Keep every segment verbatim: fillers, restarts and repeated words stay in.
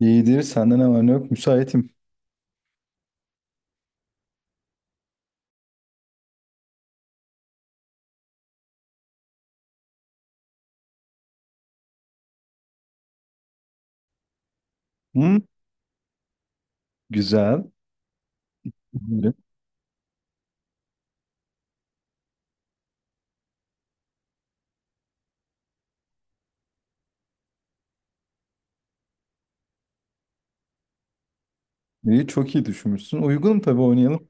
İyidir. Sende ne var ne yok? Müsaitim. Hı? Güzel. Buyurun. İyi, çok iyi düşünmüşsün. Uygunum tabii oynayalım.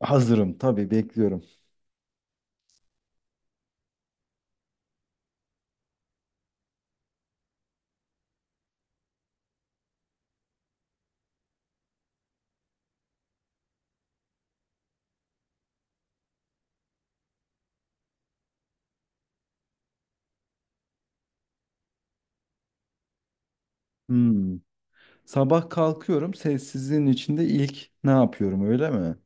Hazırım tabii bekliyorum. Hmm. Sabah kalkıyorum. Sessizliğin içinde ilk ne yapıyorum öyle mi?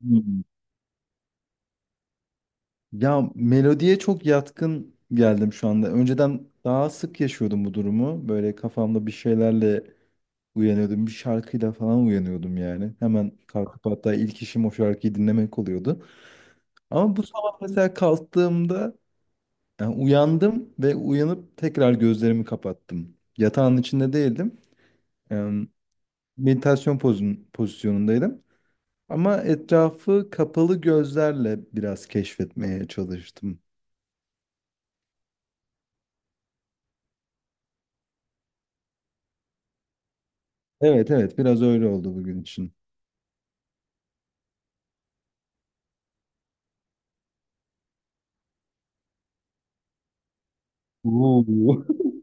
Hmm. Ya melodiye çok yatkın geldim şu anda. Önceden daha sık yaşıyordum bu durumu. Böyle kafamda bir şeylerle uyanıyordum. Bir şarkıyla falan uyanıyordum yani. Hemen kalkıp hatta ilk işim o şarkıyı dinlemek oluyordu. Ama bu sabah mesela kalktığımda yani uyandım ve uyanıp tekrar gözlerimi kapattım. Yatağın içinde değildim. Yani meditasyon pozun, pozisyonundaydım. Ama etrafı kapalı gözlerle biraz keşfetmeye çalıştım. Evet evet, biraz öyle oldu bugün için. Oo.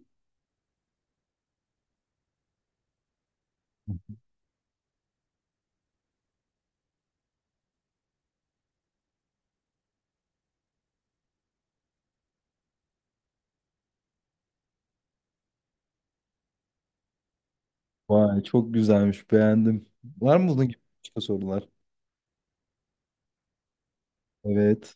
Vay çok güzelmiş beğendim. Var mı bunun gibi başka sorular? Evet.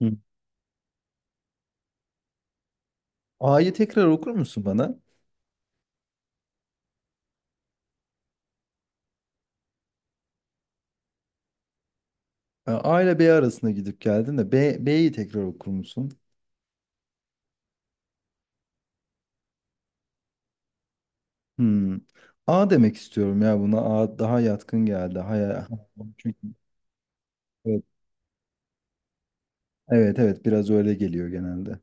Hı. A'yı tekrar okur musun bana? A A ile B arasında gidip geldin de B, B'yi tekrar okur musun? Hmm. A demek istiyorum ya buna. A daha yatkın geldi. Hayal. Çünkü evet, evet evet biraz öyle geliyor genelde.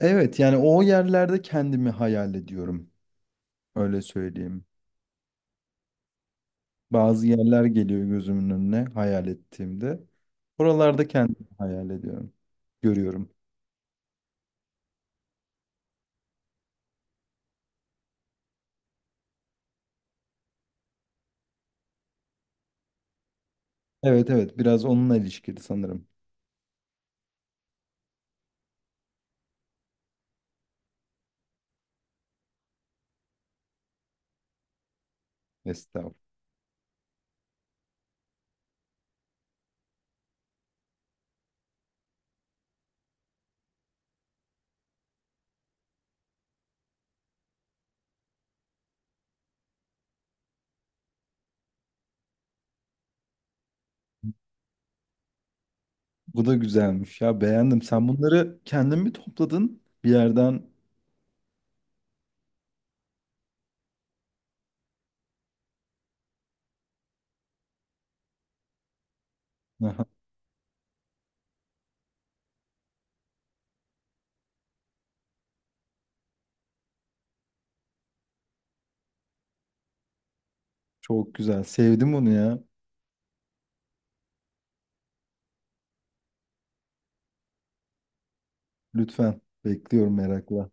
Evet yani o yerlerde kendimi hayal ediyorum. Öyle söyleyeyim. Bazı yerler geliyor gözümün önüne hayal ettiğimde. Oralarda kendimi hayal ediyorum. Görüyorum. Evet evet, biraz onunla ilişkili sanırım. Estağfurullah. Bu da güzelmiş ya beğendim. Sen bunları kendin mi topladın bir yerden? Aha, çok güzel. Sevdim bunu ya. Lütfen. Bekliyorum merakla.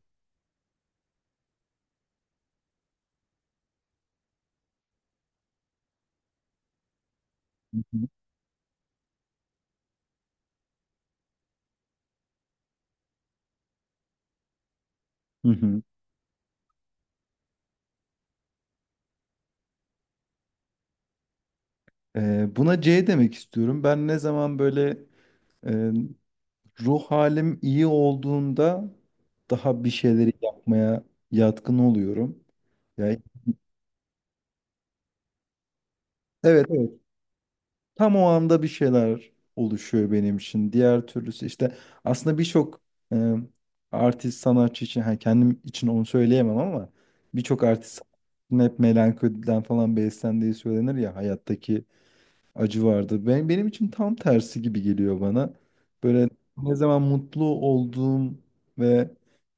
Hı hı. Hı hı. Ee, buna C demek istiyorum. Ben ne zaman böyle e, ruh halim iyi olduğunda daha bir şeyleri yapmaya yatkın oluyorum. Yani evet evet. Tam o anda bir şeyler oluşuyor benim için. Diğer türlüsü işte aslında birçok e, artist sanatçı için ha kendim için onu söyleyemem ama birçok artist sanatçının hep melankoliden falan beslendiği söylenir ya hayattaki acı vardı. Ben, benim için tam tersi gibi geliyor bana. Böyle ne zaman mutlu olduğum ve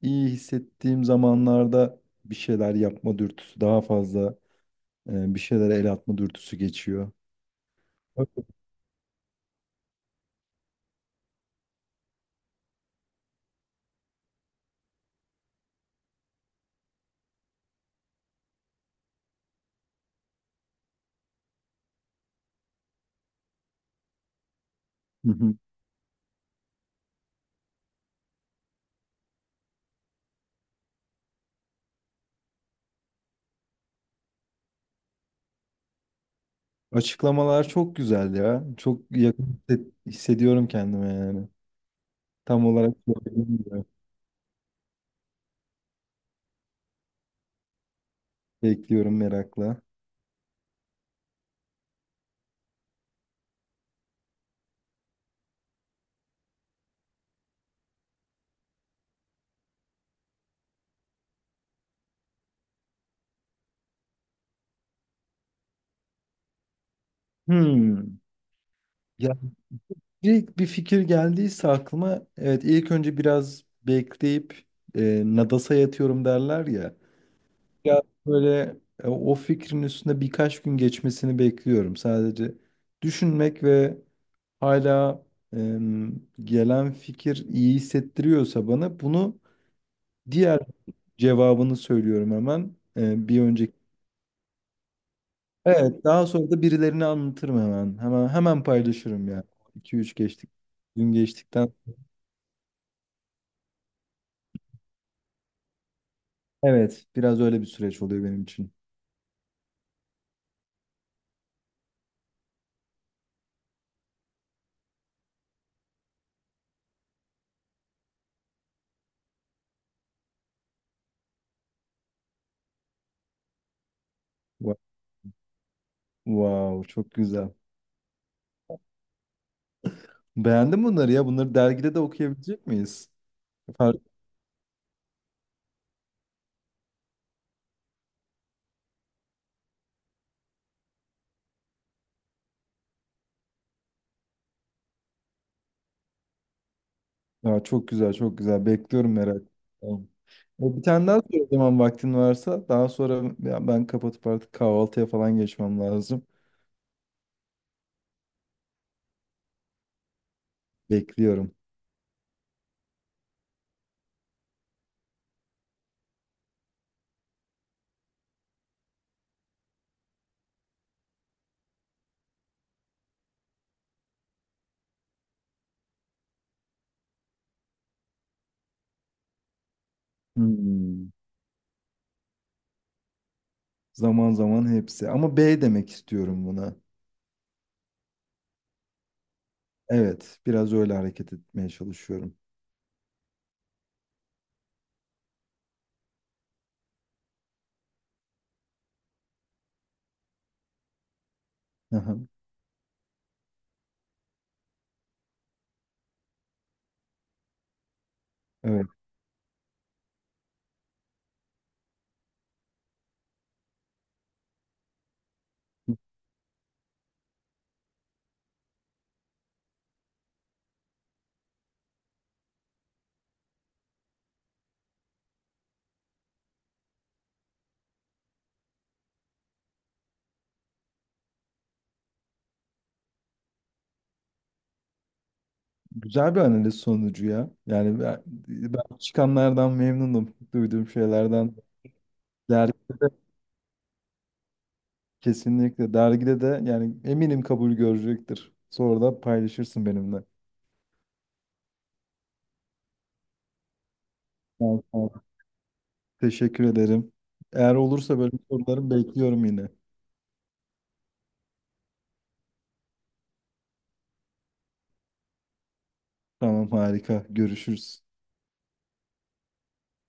iyi hissettiğim zamanlarda bir şeyler yapma dürtüsü daha fazla, e, bir şeylere el atma dürtüsü geçiyor. Evet. Hı hı. Açıklamalar çok güzel ya. Çok yakın hisset- hissediyorum kendime yani. Tam olarak söylediğin gibi. Bekliyorum merakla. Hmm. İlk bir fikir geldiyse aklıma evet ilk önce biraz bekleyip, e, nadasa yatıyorum derler ya. Biraz böyle e, o fikrin üstünde birkaç gün geçmesini bekliyorum. Sadece düşünmek ve hala e, gelen fikir iyi hissettiriyorsa bana, bunu diğer cevabını söylüyorum hemen. E, bir önceki. Evet daha sonra da birilerine anlatırım hemen. Hemen hemen paylaşırım yani. İki üç geçtik gün geçtikten. Evet, biraz öyle bir süreç oluyor benim için. Wa- Wow, çok güzel. Beğendin bunları ya. Bunları dergide de okuyabilecek miyiz? Far- Aa, çok güzel, çok güzel. Bekliyorum merak. Tamam. E, Bir tane daha sor o zaman vaktin varsa. Daha sonra ya ben kapatıp artık kahvaltıya falan geçmem lazım. Bekliyorum. Hmm. Zaman zaman hepsi. Ama B demek istiyorum buna. Evet, biraz öyle hareket etmeye çalışıyorum. Aha. Evet. Güzel bir analiz sonucu ya. Yani ben, ben çıkanlardan memnunum. Duyduğum şeylerden. Dergide de kesinlikle. Dergide de yani eminim kabul görecektir. Sonra da paylaşırsın benimle. Tamam, tamam. Teşekkür ederim. Eğer olursa böyle sorularım bekliyorum yine. Tamam harika. Görüşürüz.